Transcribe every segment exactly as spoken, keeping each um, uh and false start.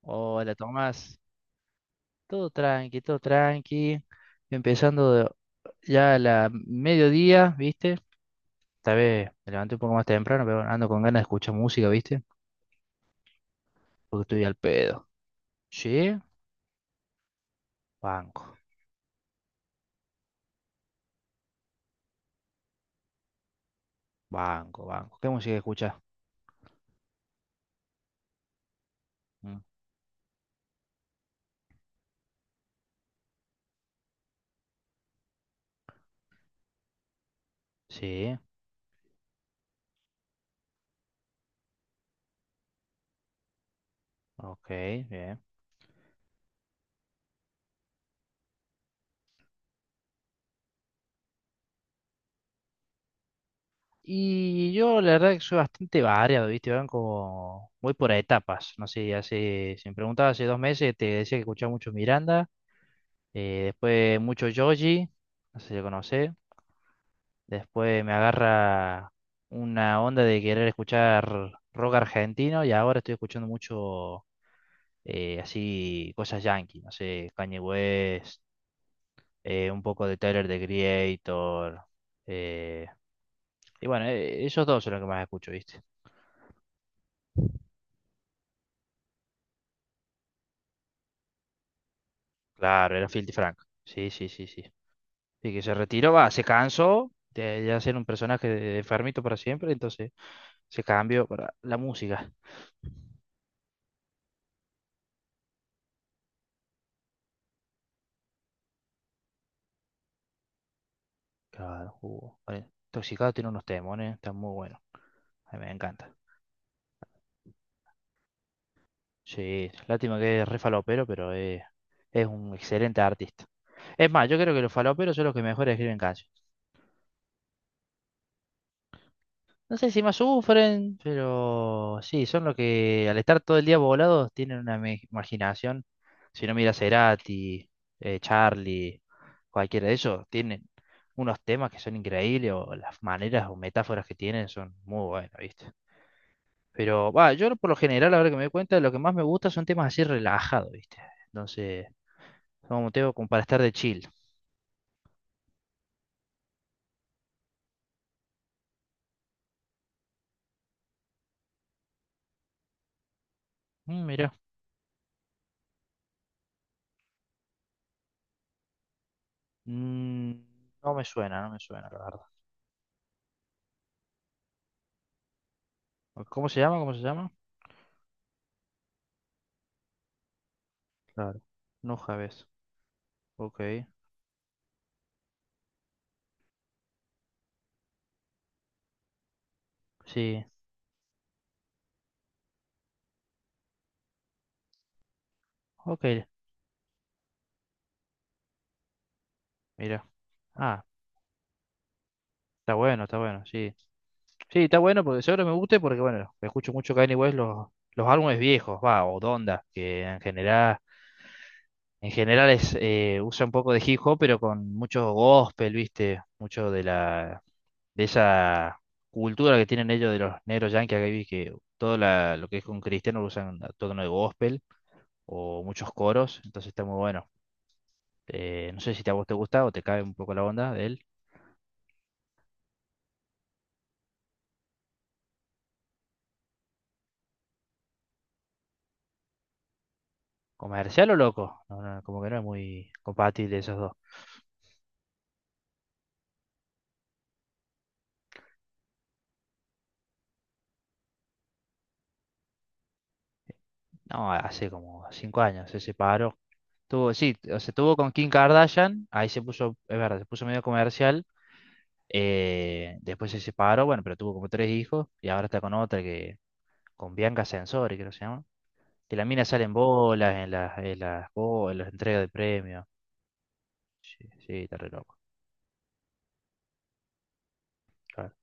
Hola Tomás, todo tranqui, todo tranqui. Empezando de- ya a la mediodía, ¿viste? Esta vez me levanté un poco más temprano, pero ando con ganas de escuchar música, ¿viste? Porque estoy al pedo. ¿Sí? Banco, banco, banco. ¿Qué música escuchas? Mm, sí, ok, bien. Y yo la verdad que soy bastante variado, ¿viste? Van como, voy por etapas, no sé, hace, si me preguntabas hace dos meses, te decía que escuchaba mucho Miranda, eh, después mucho Joji, no sé si lo conocés, después me agarra una onda de querer escuchar rock argentino y ahora estoy escuchando mucho eh, así cosas yankee, no sé, Kanye West, eh, un poco de Tyler, The Creator. eh, y bueno, eh, esos dos son los que más escucho, ¿viste? Claro, era Filthy Frank. Sí, sí, sí, sí. Y que se retiró, va, se cansó de, de hacer un personaje de- enfermito para siempre, entonces se cambió para la música. Claro, jugó. Vale, Intoxicado tiene unos temones, está muy bueno. A mí me encanta. Sí, lástima que es re falopero, pero eh, es un excelente artista. Es más, yo creo que los faloperos son los que mejor escriben canciones. No sé si más sufren, pero sí, son los que al estar todo el día volados tienen una me- imaginación. Si no miras Cerati, eh, Charlie, cualquiera de esos, tienen unos temas que son increíbles o las maneras o metáforas que tienen son muy buenas, ¿viste? Pero va, yo por lo general, ahora que me doy cuenta, lo que más me gusta son temas así relajados, ¿viste? Entonces, son un tema como para estar de chill. Mm, mira, mm, no me suena, no me suena, la verdad. ¿Cómo se llama? ¿Cómo se llama? Claro. No sabes. Ok, sí, ok, mira. Ah, está bueno, está bueno, sí. Sí, está bueno porque seguro me guste porque, bueno, escucho mucho Kanye West los, los álbumes viejos, va, o Donda, que en general, en general es, eh, usa un poco de hip hop, pero con mucho gospel, ¿viste? Mucho de la, de esa cultura que tienen ellos de los negros yankees, acá vi que todo la- lo que es con cristiano lo usan a tono de gospel o muchos coros, entonces está muy bueno. Eh, no sé si te, a vos te gusta o te cae un poco la onda de él. ¿Comercial o loco? No, no, como que no es muy compatible esos dos. No, hace como cinco años se separó. Tuvo, sí, o sea, tuvo con Kim Kardashian, ahí se puso, es verdad, se puso medio comercial, eh, después se separó, bueno, pero tuvo como tres hijos y ahora está con otra que, con Bianca Sensori, creo que se llama. Que la mina sale en bolas, en las, en las, bo- en las entregas de premios. Sí, sí, está re loco. Claro.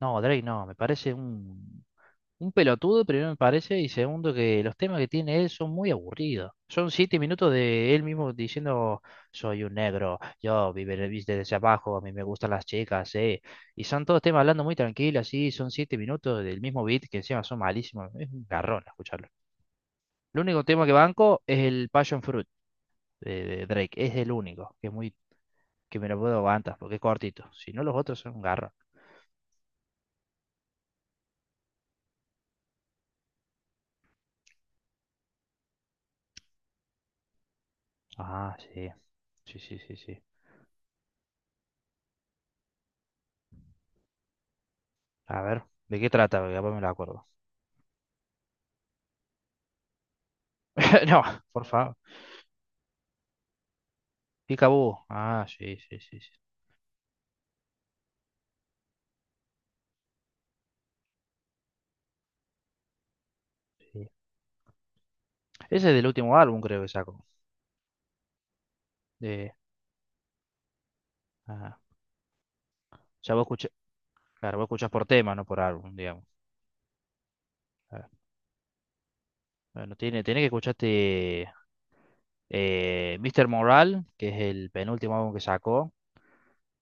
No, Drake no, me parece un Un pelotudo, primero me parece, y segundo que los temas que tiene él son muy aburridos. Son siete minutos de él mismo diciendo, soy un negro, yo vive viste desde abajo, a mí me gustan las chicas, eh. Y son todos temas hablando muy tranquilos, así, son siete minutos del mismo beat que encima son malísimos. Es un garrón escucharlo. El único tema que banco es el Passion Fruit de, de Drake, es el único, que es muy, que me lo puedo aguantar, porque es cortito. Si no, los otros son un garrón. Ah, sí. Sí, sí, sí, sí. A ver, ¿de qué trata? Porque capaz me lo acuerdo. No, por favor. Peekaboo. Ah, sí, sí, sí, sí. Sí. Ese es del último álbum, creo que sacó. De, ah, ya vos escuchás, claro, vos escuchás por tema, no por álbum, digamos. Claro. Bueno, tiene, tiene que escucharte eh, mister Moral, que es el penúltimo álbum que sacó,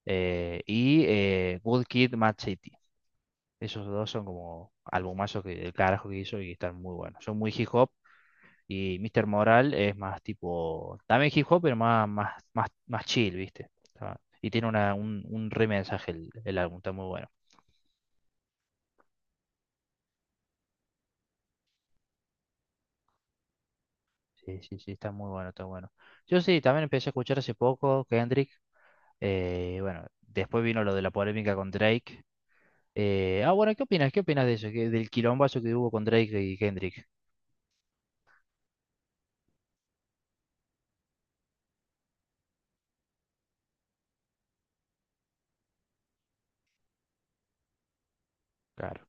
eh, y eh, Good Kid, Mad City. Esos dos son como albumazos que, el carajo que hizo y están muy buenos. Son muy hip hop, y mister Moral es más tipo, también hip hop, pero más, más, más, más chill, ¿viste? Está- y tiene una, un, un re mensaje el, el álbum, está muy bueno. Sí, sí, sí, está muy bueno, está bueno. Yo sí, también empecé a escuchar hace poco Kendrick. Eh, bueno, después vino lo de la polémica con Drake. Eh, ah, bueno, ¿qué opinas? ¿Qué opinas de eso? Que- del quilombazo que hubo con Drake y Kendrick. Claro.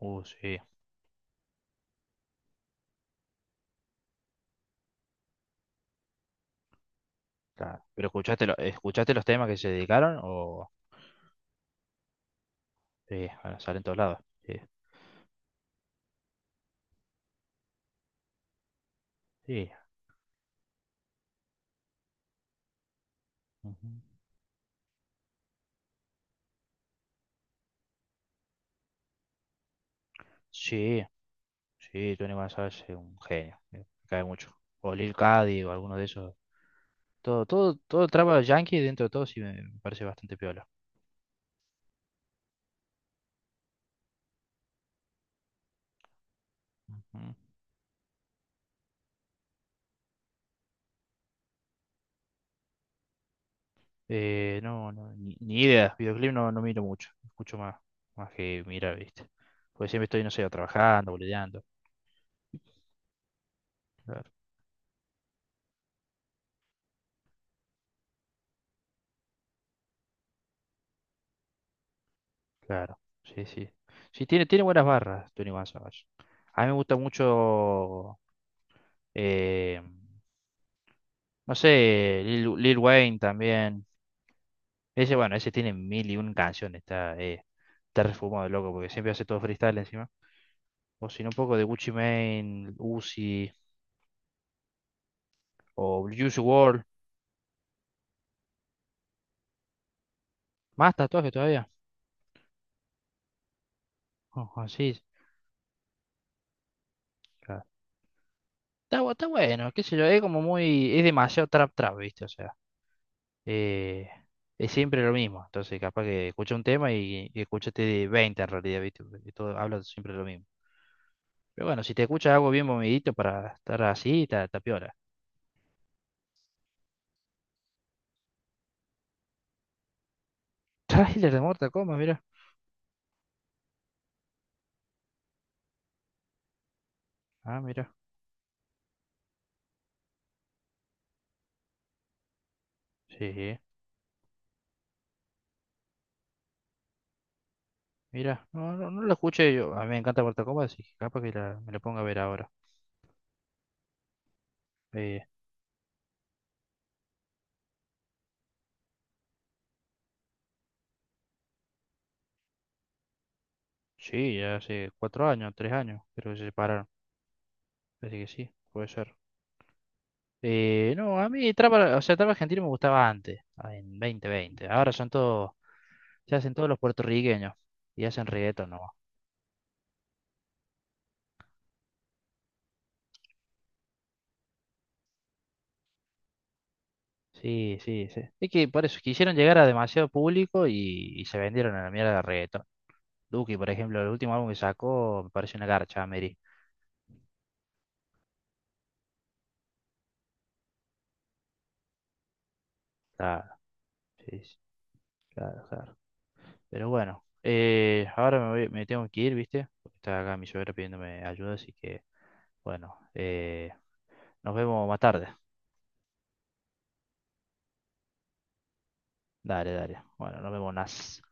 Uh, sí, claro. ¿Pero escuchaste, lo- escuchaste los temas que se dedicaron? O... Sí, bueno, salen todos lados. Sí. Sí. Ujú. Sí, sí, Tony González es un genio, me cae mucho. O Lil Cady o alguno de esos. Todo, todo, todo traba yankee dentro de todo sí me, me parece bastante piola. Ujú. Eh, no, no, ni, ni idea. Videoclip no, no miro mucho. Escucho más, más que mirar, ¿viste? Porque siempre estoy, no sé, o trabajando, boludeando. Claro, claro. Sí, sí. Sí, tiene, tiene buenas barras, Tony González. A mí me gusta mucho, eh, no sé, Lil, Lil Wayne también. Ese, bueno, ese tiene mil y un canciones, está, eh, está refumado, loco, porque siempre hace todo freestyle encima. O si no, un poco de Gucci Mane, Uzi, o Juice world, más tatuajes todavía. Oh, así, es. Claro. Está, bu- está bueno, qué sé yo, es como muy, es demasiado trap trap, ¿viste? O sea, eh, es siempre lo mismo. Entonces, capaz que escucha un tema y, y escuchaste de veinte en realidad, ¿viste? Porque todo habla siempre lo mismo. Pero bueno, si te escuchas algo bien movidito para estar así, está, está piola. Trailer de Mortal Kombat, mira. Ah, mira. Sí, mira, no, no, no la escuché yo. A mí me encanta Mortal Kombat, así que capaz que la- me la ponga a ver ahora. Eh, sí, ya hace cuatro años, tres años, creo que se separaron. Así que sí, puede ser. Eh, no, a mí trap, o sea, trap argentino me gustaba antes, ah, en dos mil veinte. Ahora son todos, se hacen todos los puertorriqueños y hacen reggaeton no. Sí, sí, sí. Es que por eso quisieron llegar a demasiado público y, y se vendieron a la mierda de reggaeton. Duki, por ejemplo, el último álbum que sacó me parece una garcha, Mary. Sí, sí, claro, claro. Pero bueno, eh, ahora me voy- me tengo que ir, ¿viste? Porque está acá mi suegra pidiéndome ayuda, así que bueno, eh, nos vemos más tarde. Dale, dale. Bueno, nos vemos, Nas.